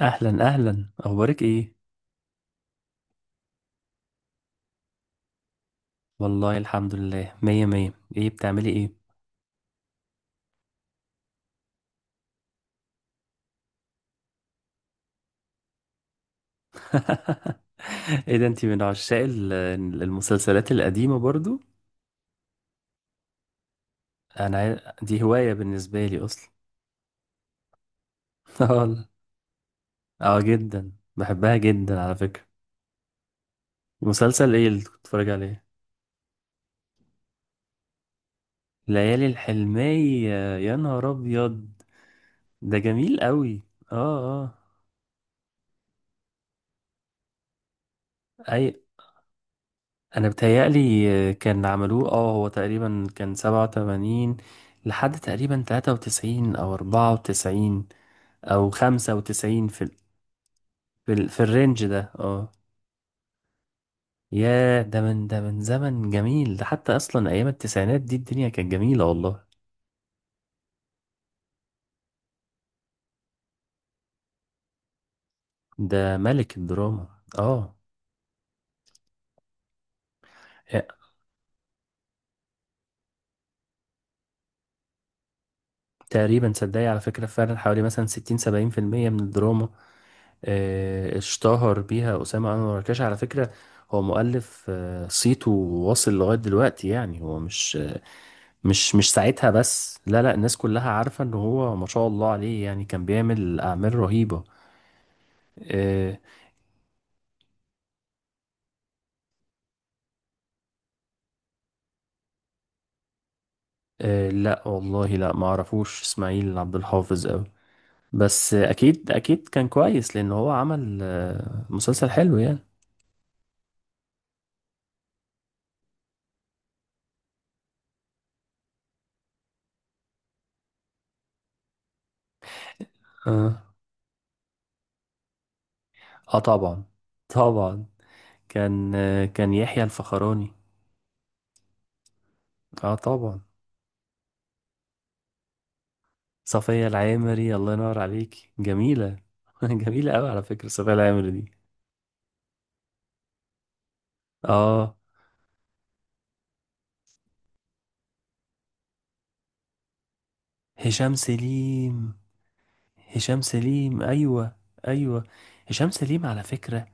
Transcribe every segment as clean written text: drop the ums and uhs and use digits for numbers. اهلا، اهلا. اخبارك ايه؟ والله الحمد لله، مية مية. ايه بتعملي ايه؟ ايه ده! انتي من عشاق المسلسلات القديمة برضو؟ دي هواية بالنسبة لي اصلا. والله. اه، جدا بحبها جدا على فكرة. مسلسل ايه اللي كنت بتتفرج عليه؟ ليالي الحلمية، يا نهار ابيض! ده جميل قوي. اه، اه، اي، انا بتهيألي كان عملوه، هو تقريبا كان 87 لحد تقريبا 93 او 94 او 95 في الرينج ده، اه. ياه، ده من زمن جميل، ده حتى اصلا ايام التسعينات دي الدنيا كانت جميلة والله. ده ملك الدراما، اه. يا- تقريبا صدقني على فكرة، فعلا حوالي مثلا ستين سبعين في المية من الدراما، اشتهر بيها أسامة أنور الركاش على فكرة. هو مؤلف، صيته واصل لغاية دلوقتي، يعني هو مش ساعتها بس، لا، لا الناس كلها عارفة ان هو ما شاء الله عليه، يعني كان بيعمل أعمال رهيبة. آه، لا والله، لا ما اعرفوش اسماعيل عبد الحافظ أوي، بس اكيد اكيد كان كويس لان هو عمل مسلسل حلو يعني. اه، طبعا، طبعا. كان كان يحيى الفخراني، اه طبعا. صفية العامري، الله ينور عليك، جميلة، جميلة قوي على فكرة صفية العامري دي. اه. هشام سليم، هشام سليم، ايوه. ايوه، هشام سليم على فكرة،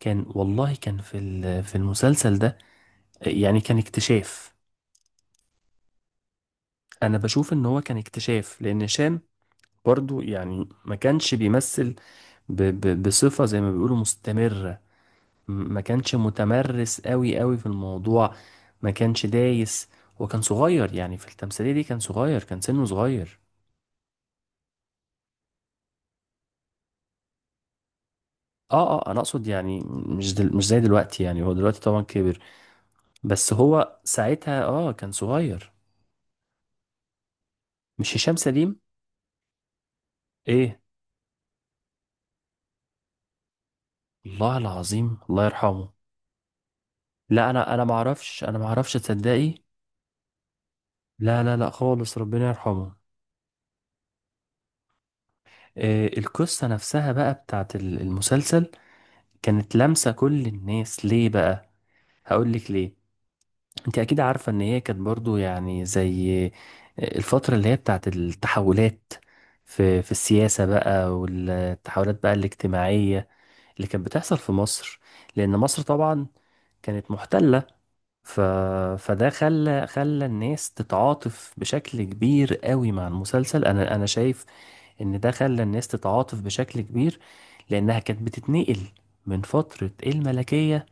كان والله كان في المسلسل ده، يعني كان اكتشاف. انا بشوف ان هو كان اكتشاف، لان هشام برضو يعني ما كانش بيمثل ب ب بصفة زي ما بيقولوا مستمرة. ما كانش متمرس قوي قوي في الموضوع. ما كانش دايس، وكان صغير يعني في التمثيلية دي، كان صغير، كان سنه صغير. اه، اه انا اقصد يعني مش زي دلوقتي، يعني هو دلوقتي طبعا كبر، بس هو ساعتها اه كان صغير. مش هشام سليم. ايه؟ الله العظيم، الله يرحمه. لا، انا ما اعرفش، انا ما اعرفش، تصدقي. لا، لا، لا، خالص، ربنا يرحمه. إيه القصة نفسها بقى بتاعت المسلسل، كانت لامسة كل الناس ليه بقى؟ هقول لك ليه. انت اكيد عارفة ان هي كانت برضو يعني زي الفترة اللي هي بتاعت التحولات في السياسة بقى، والتحولات بقى الاجتماعية اللي كانت بتحصل في مصر، لان مصر طبعا كانت محتلة. ف... فده خلى الناس تتعاطف بشكل كبير قوي مع المسلسل، انا شايف ان ده خلى الناس تتعاطف بشكل كبير، لانها كانت بتتنقل من فترة الملكية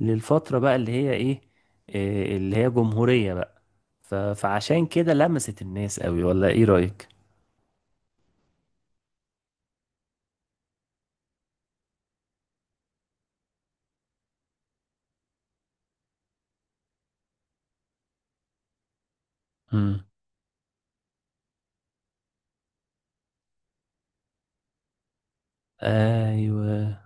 للفترة بقى اللي هي ايه، إيه اللي هي جمهورية بقى. فعشان كده لمست الناس قوي، ولا ايه رأيك؟ امم، ايوه،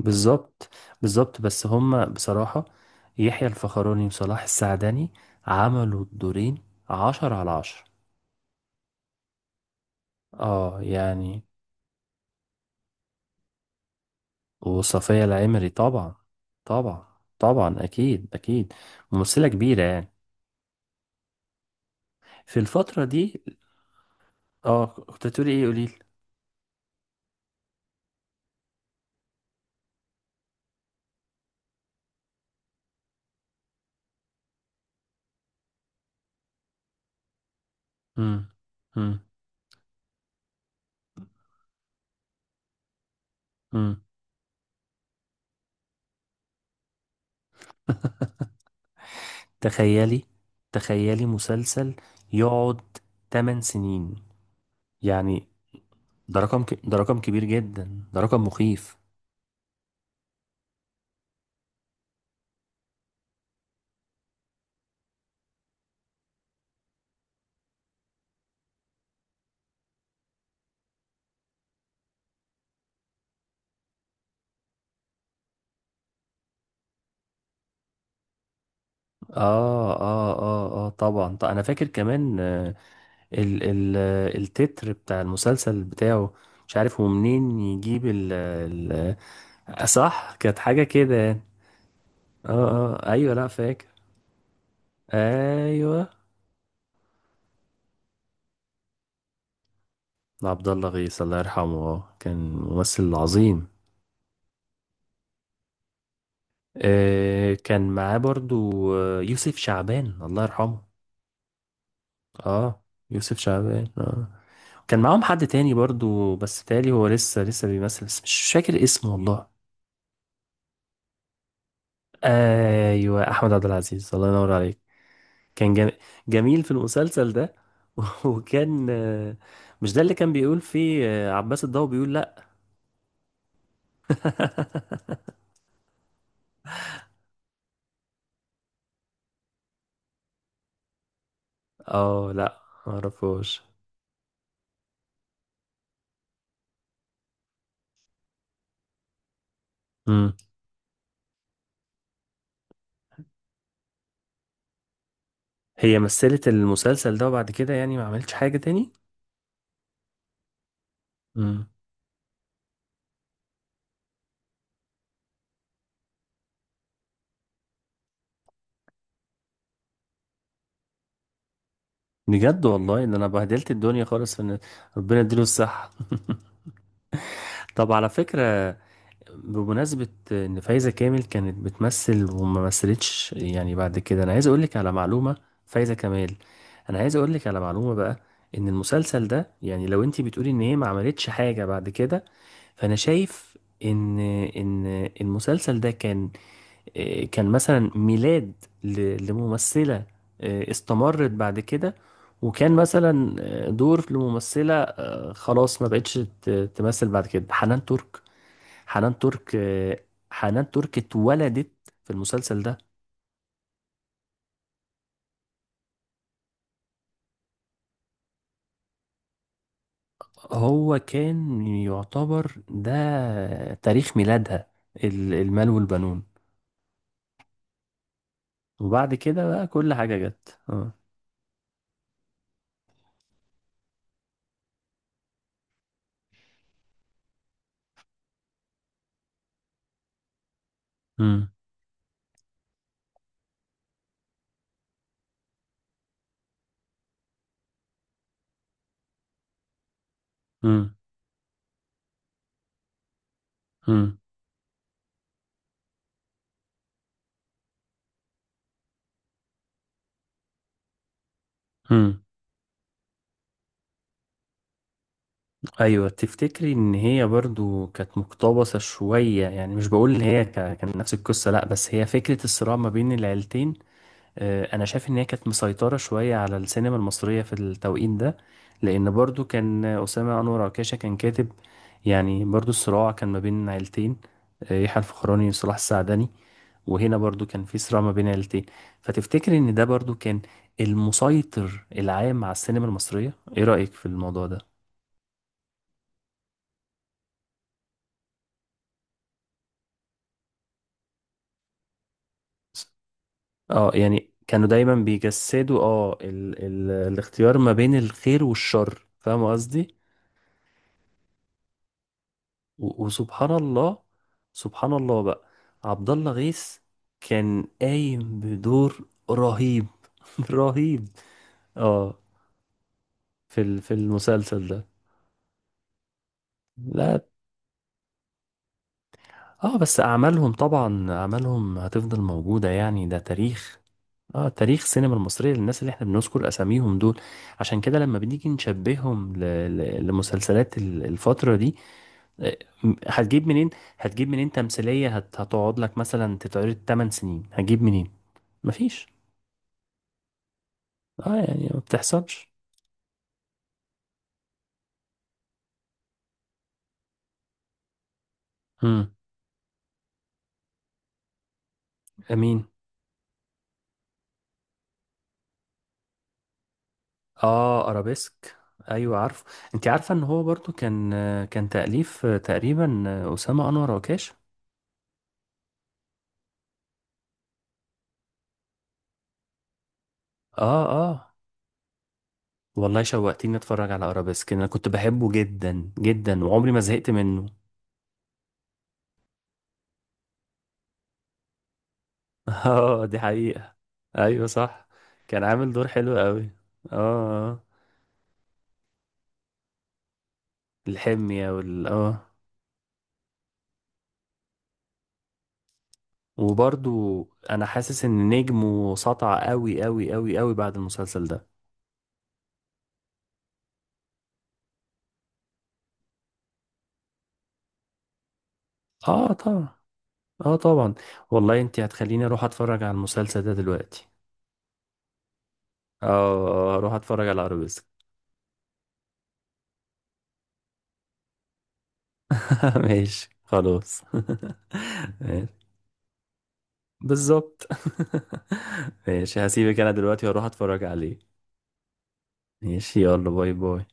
بالظبط، بالظبط، بس هما بصراحة يحيى الفخراني وصلاح السعدني عملوا الدورين 10/10، اه يعني. وصفية العمري طبعا، طبعا، طبعا، اكيد، اكيد، ممثلة كبيرة يعني، في الفترة دي. اه، كنت هتقولي ايه؟ قوليلي. امم امم تخيلي، تخيلي مسلسل يقعد 8 سنين يعني! ده ده رقم كبير جدا، ده رقم مخيف. اه، اه، اه، اه، طبعا. طب انا فاكر كمان، ال ال التتر بتاع المسلسل بتاعه، مش عارف هو منين يجيب ال ال صح، كانت حاجة كده يعني. اه، اه، ايوه، لا فاكر. ايوه. عبد الله غيث الله يرحمه، كان ممثل عظيم. كان معاه برضو يوسف شعبان الله يرحمه. اه، يوسف شعبان، اه. كان معاهم حد تاني برضو، بس تالي هو لسه بيمثل، بس مش فاكر اسمه والله. ايوه، احمد عبد العزيز، الله ينور عليك. كان جميل في المسلسل ده. وكان مش ده اللي كان بيقول فيه عباس الضو بيقول لا؟ اه، لا معرفوش. مم. هي مثلت المسلسل ده وبعد كده يعني ما عملتش حاجة تاني. مم. بجد والله ان انا بهدلت الدنيا خالص، ان ربنا يديله الصحة. طب على فكرة، بمناسبة ان فايزة كامل كانت بتمثل وما مثلتش يعني بعد كده، انا عايز اقولك على معلومة. فايزة كمال، انا عايز اقولك على معلومة بقى، ان المسلسل ده يعني لو انتي بتقولي ان هي ما عملتش حاجة بعد كده، فانا شايف ان المسلسل ده كان كان مثلا ميلاد لممثلة استمرت بعد كده، وكان مثلا دور لممثلة خلاص ما بقتش ت- تمثل بعد كده. حنان ترك، حنان ترك آه، حنان ترك اتولدت في المسلسل ده. هو كان يعتبر ده تاريخ ميلادها، المال والبنون، وبعد كده بقى كل حاجة جت، اه. امم امم امم، ايوه، تفتكري ان هي برضو كانت مقتبسه شويه؟ يعني مش بقول ان هي كان نفس القصه، لا، بس هي فكره الصراع ما بين العيلتين. انا شايف ان هي كانت مسيطره شويه على السينما المصريه في التوقيت ده، لان برضو كان اسامه انور عكاشه كان كاتب، يعني برضو الصراع كان ما بين عيلتين، يحيى الفخراني وصلاح السعدني، وهنا برضو كان في صراع ما بين عيلتين. فتفتكري ان ده برضو كان المسيطر العام على السينما المصريه؟ ايه رايك في الموضوع ده؟ اه يعني كانوا دايما بيجسدوا ال ال الاختيار ما بين الخير والشر، فاهم قصدي؟ وسبحان الله، سبحان الله بقى، عبد الله غيث كان قايم بدور رهيب، رهيب، اه، في المسلسل ده. لا، اه، بس اعمالهم طبعا، اعمالهم هتفضل موجودة يعني، ده تاريخ. اه، تاريخ السينما المصرية للناس اللي احنا بنذكر اساميهم دول. عشان كده لما بنيجي نشبههم لمسلسلات الفترة دي، آه، هتجيب منين؟ هتجيب منين تمثيلية هتقعد لك مثلا تتعرض 8 سنين؟ هتجيب منين؟ مفيش. اه يعني ما بتحصلش. امم، امين. اه، ارابيسك، ايوه عارفه. انت عارفة ان هو برضو كان كان تأليف تقريبا اسامة انور عكاشة؟ اه، اه والله شوقتني اتفرج على ارابيسك، انا كنت بحبه جدا جدا وعمري ما زهقت منه. اه، دي حقيقة، ايوه صح. كان عامل دور حلو قوي. اه، الحمية وال اه، وبرضو انا حاسس ان نجمه سطع قوي قوي قوي قوي بعد المسلسل ده. اه طبعا، اه طبعا. والله انت هتخليني اروح اتفرج على المسلسل ده دلوقتي. اه، اروح اتفرج على ارابيسك. ماشي خلاص. ماشي. بالظبط. ماشي، هسيبك انا دلوقتي واروح اتفرج عليه. ماشي، يلا. باي باي.